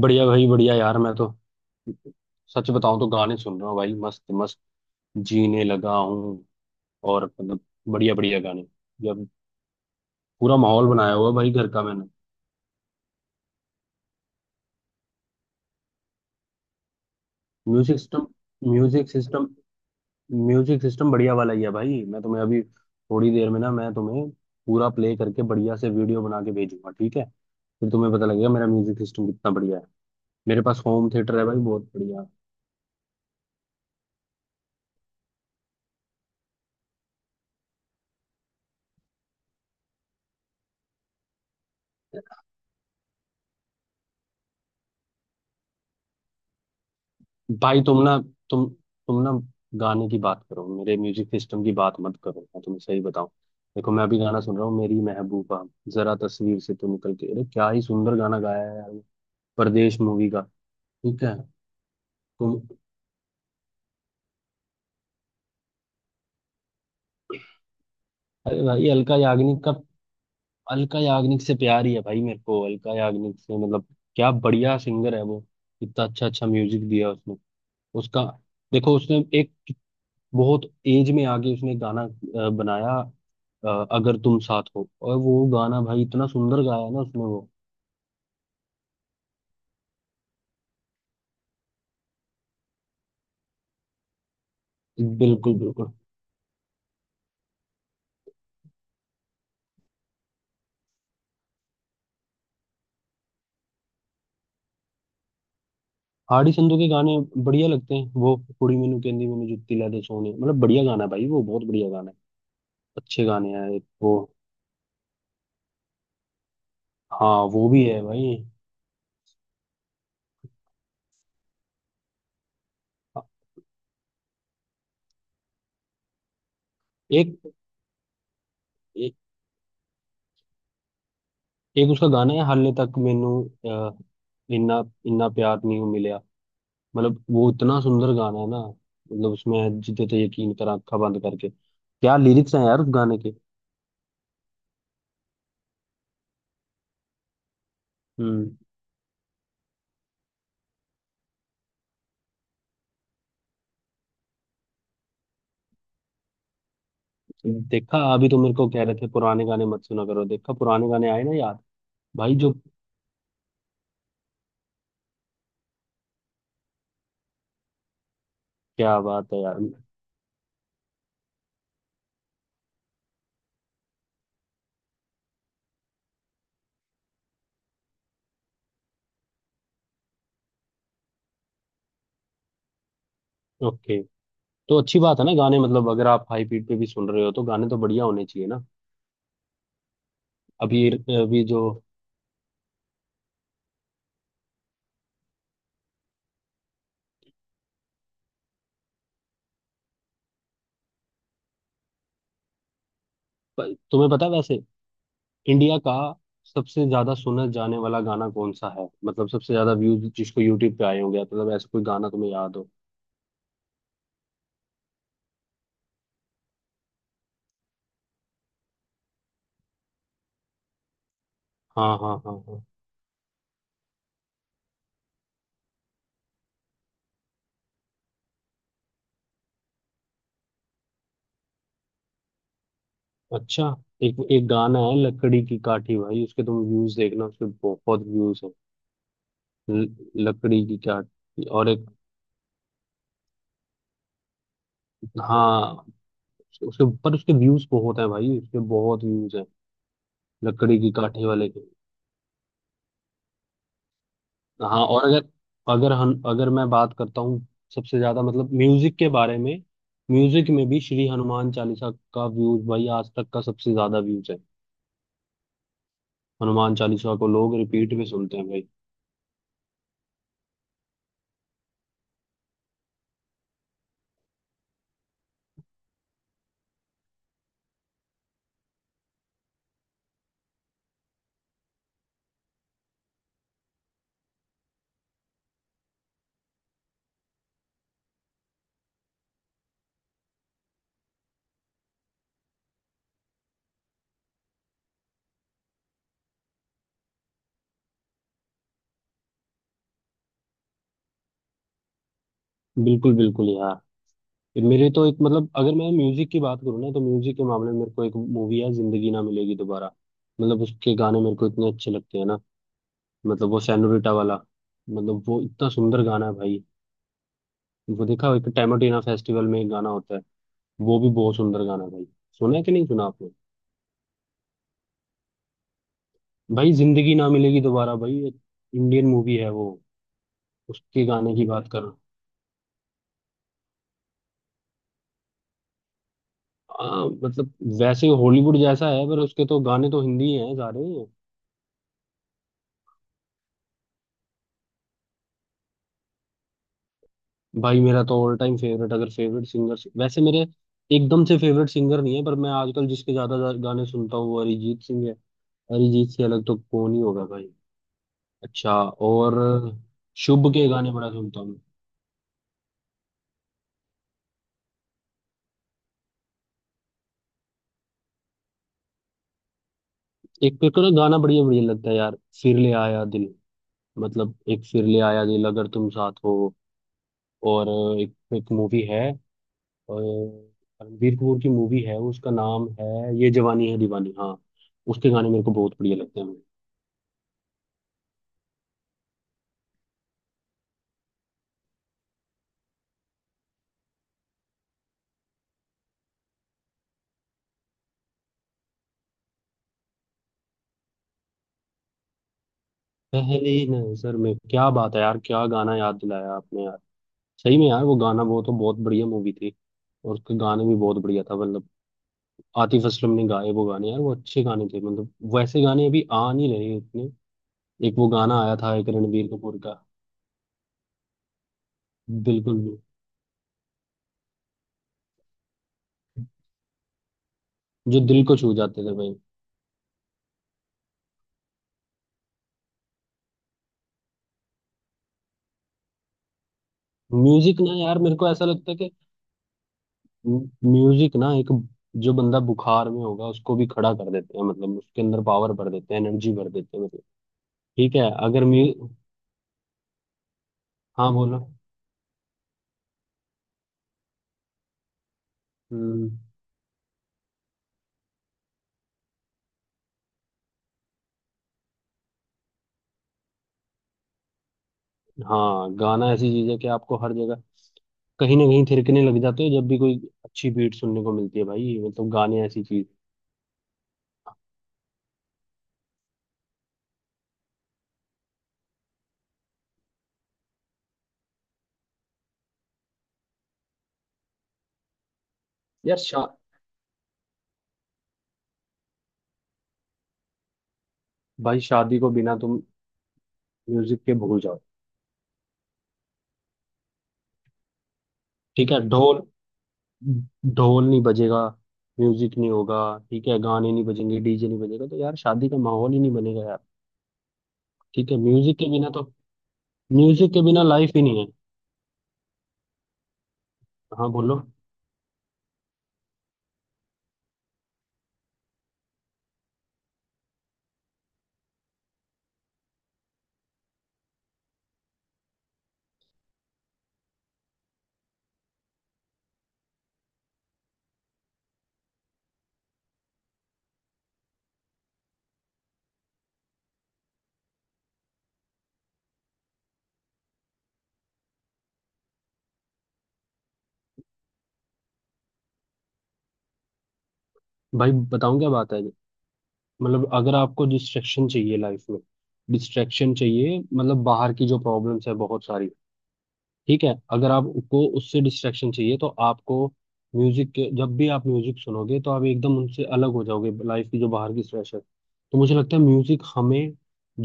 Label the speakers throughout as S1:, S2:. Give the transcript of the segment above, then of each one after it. S1: बढ़िया भाई, बढ़िया यार। मैं तो सच बताऊं तो गाने सुन रहा हूँ भाई। मस्त मस्त जीने लगा हूँ। और मतलब बढ़िया बढ़िया गाने। जब पूरा माहौल बनाया हुआ है भाई, घर का मैंने। Music system music system music system बढ़िया वाला ही है भाई। मैं तुम्हें अभी थोड़ी देर में ना, मैं तुम्हें पूरा प्ले करके बढ़िया से वीडियो बना के भेजूंगा, ठीक है। फिर तुम्हें पता लगेगा मेरा म्यूजिक सिस्टम कितना बढ़िया है। मेरे पास होम थिएटर है भाई, बहुत बढ़िया। भाई तुम तुम ना गाने की बात करो, मेरे म्यूजिक सिस्टम की बात मत करो। मैं तुम्हें सही बताऊं, देखो मैं अभी गाना सुन रहा हूँ, मेरी महबूबा, जरा तस्वीर से तू निकल के। अरे क्या ही सुंदर गाना गाया है यार, परदेश मूवी का। ठीक है। तुम अरे भाई, अलका याग्निक का। अलका याग्निक से प्यार ही है भाई, मेरे को अलका याग्निक से, मतलब क्या बढ़िया सिंगर है वो। इतना अच्छा अच्छा म्यूजिक दिया उसने। उसका, देखो उसने एक बहुत एज में आके उसने गाना बनाया। अगर तुम साथ हो, और वो गाना भाई इतना सुंदर गाया ना उसने वो। बिल्कुल बिल्कुल। हाड़ी संधू के गाने बढ़िया लगते हैं, वो कुड़ी मैनू कहंदी मैनू जुत्ती ला दे सोने, मतलब बढ़िया गाना है भाई, वो बहुत बढ़िया गाना है। अच्छे गाने हैं एक वो। हाँ वो भी है भाई। एक एक, एक उसका गाना है, हाले तक मैनू, अ, इन्ना इन्ना प्यार नहीं मिला। मतलब वो इतना सुंदर गाना है ना, मतलब उसमें जीते थे यकीन कर आंखा बंद करके, क्या लिरिक्स हैं यार उस गाने के। हम्म। देखा, अभी तो मेरे को कह रहे थे पुराने गाने मत सुना करो, देखा पुराने गाने आए ना यार। भाई जो क्या बात है यार। ओके, तो अच्छी बात है ना गाने, मतलब अगर आप हाई पीट पे भी सुन रहे हो तो गाने तो बढ़िया होने चाहिए ना। अब ये अभी जो प- तुम्हें पता है वैसे, इंडिया का सबसे ज्यादा सुना जाने वाला गाना कौन सा है, मतलब सबसे ज्यादा व्यूज जिसको यूट्यूब पे आए होंगे, मतलब ऐसा कोई गाना तुम्हें याद हो। हाँ हाँ हाँ हाँ। अच्छा, एक एक गाना है लकड़ी की काठी भाई, उसके तुम व्यूज देखना, उसके बहुत व्यूज है। लकड़ी की काठी और एक। हाँ, उसके ऊपर उसके व्यूज बहुत है भाई, उसके बहुत व्यूज है, लकड़ी की काठी वाले के। हाँ, और अगर अगर हम अगर मैं बात करता हूँ सबसे ज्यादा, मतलब म्यूजिक के बारे में। म्यूजिक में भी श्री हनुमान चालीसा का व्यूज भाई आज तक का सबसे ज्यादा व्यूज है। हनुमान चालीसा को लोग रिपीट में सुनते हैं भाई। बिल्कुल बिल्कुल यार। मेरे तो एक, मतलब अगर मैं म्यूजिक की बात करूँ ना, तो म्यूजिक के मामले में मेरे को एक मूवी है, जिंदगी ना मिलेगी दोबारा। मतलब उसके गाने मेरे को इतने अच्छे लगते हैं ना, मतलब वो सेनोरिटा वाला, मतलब वो इतना सुंदर गाना है भाई। वो देखा हो, एक टैमाटीना फेस्टिवल में एक गाना होता है, वो भी बहुत सुंदर गाना है भाई। सुना है कि नहीं सुना आपने। भाई जिंदगी ना मिलेगी दोबारा भाई, एक इंडियन मूवी है वो। उसके गाने की बात कर रहा हूँ। हाँ, मतलब वैसे हॉलीवुड जैसा है, पर उसके तो गाने तो हिंदी हैं सारे। भाई मेरा तो ऑल टाइम फेवरेट, अगर फेवरेट सिंगर, वैसे मेरे एकदम से फेवरेट सिंगर नहीं है, पर मैं आजकल जिसके ज्यादा गाने सुनता हूँ वो अरिजीत सिंह है। अरिजीत से अलग तो कौन ही होगा भाई। अच्छा, और शुभ के गाने बड़ा सुनता हूँ। एक पे तो ना गाना बढ़िया बढ़िया लगता है यार, फिर ले आया दिल। मतलब एक फिर ले आया दिल, अगर तुम साथ हो। और एक, एक मूवी है, और रणबीर कपूर की मूवी है, उसका नाम है ये जवानी है दीवानी, हाँ। उसके गाने मेरे को बहुत बढ़िया लगते हैं। पहली नजर में, क्या बात है यार, क्या गाना याद दिलाया आपने यार। सही में यार वो गाना, वो तो बहुत बढ़िया मूवी थी, और उसके गाने भी बहुत बढ़िया था, मतलब आतिफ असलम ने गाए वो गाने यार, वो अच्छे गाने थे। मतलब वैसे गाने अभी आ नहीं रहे इतने। एक वो गाना आया था, एक रणबीर कपूर का। बिल्कुल भी, जो दिल को छू जाते थे भाई। म्यूजिक ना यार, मेरे को ऐसा लगता है कि म्यूजिक ना एक, जो बंदा बुखार में होगा उसको भी खड़ा कर देते हैं, मतलब उसके अंदर पावर भर देते हैं, एनर्जी भर देते हैं। मतलब ठीक है, अगर म्यू हाँ बोलो। हम्म। हाँ, गाना ऐसी चीज है कि आपको हर जगह कहीं ना कहीं थिरकने लग जाते हो जब भी कोई अच्छी बीट सुनने को मिलती है भाई, मतलब गाने ऐसी चीज। यार शा, भाई शादी को बिना तुम म्यूजिक के भूल जाओ। ठीक है, ढोल, ढोल नहीं बजेगा, म्यूजिक नहीं होगा, ठीक है, गाने नहीं बजेंगे, डीजे नहीं बजेगा, तो यार शादी का माहौल ही नहीं बनेगा यार। ठीक है म्यूजिक के बिना तो, म्यूजिक के बिना लाइफ ही नहीं है। हाँ बोलो। भाई बताऊं क्या बात है, मतलब अगर आपको डिस्ट्रैक्शन चाहिए लाइफ में, डिस्ट्रैक्शन चाहिए, मतलब बाहर की जो प्रॉब्लम्स है बहुत सारी, ठीक है अगर आपको उससे डिस्ट्रैक्शन चाहिए तो आपको म्यूजिक के, जब भी आप म्यूजिक सुनोगे तो आप एकदम उनसे अलग हो जाओगे, लाइफ की जो बाहर की स्ट्रेस है। तो मुझे लगता है म्यूजिक हमें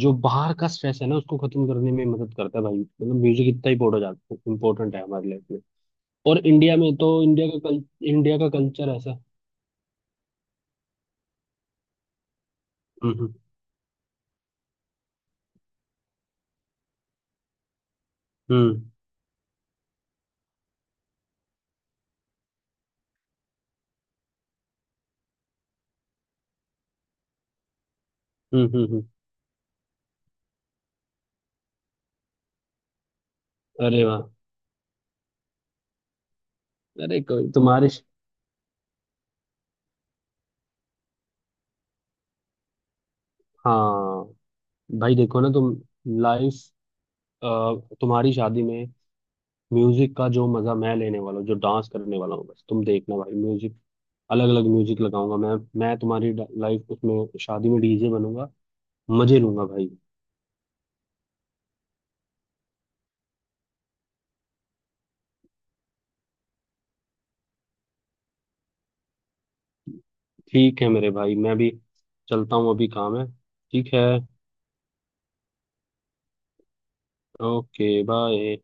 S1: जो बाहर का स्ट्रेस है ना, उसको खत्म करने में मदद करता है भाई, मतलब म्यूजिक इतना ही इंपॉर्टेंट है हमारी लाइफ में। और इंडिया में तो, इंडिया का कल, इंडिया का कल्चर ऐसा। हम्म। हम्म हम्म। अरे वाह। अरे कोई तुम्हारे, हाँ भाई, देखो ना तुम, लाइफ, तुम्हारी शादी में म्यूजिक का जो मजा मैं लेने वाला हूँ, जो डांस करने वाला हूँ, बस तुम देखना भाई। म्यूजिक, अलग अलग म्यूजिक लगाऊंगा मैं तुम्हारी लाइफ उसमें, शादी में डीजे बनूंगा, मजे लूंगा भाई। ठीक है मेरे भाई, मैं भी चलता हूँ अभी काम है, ठीक है। Okay bye.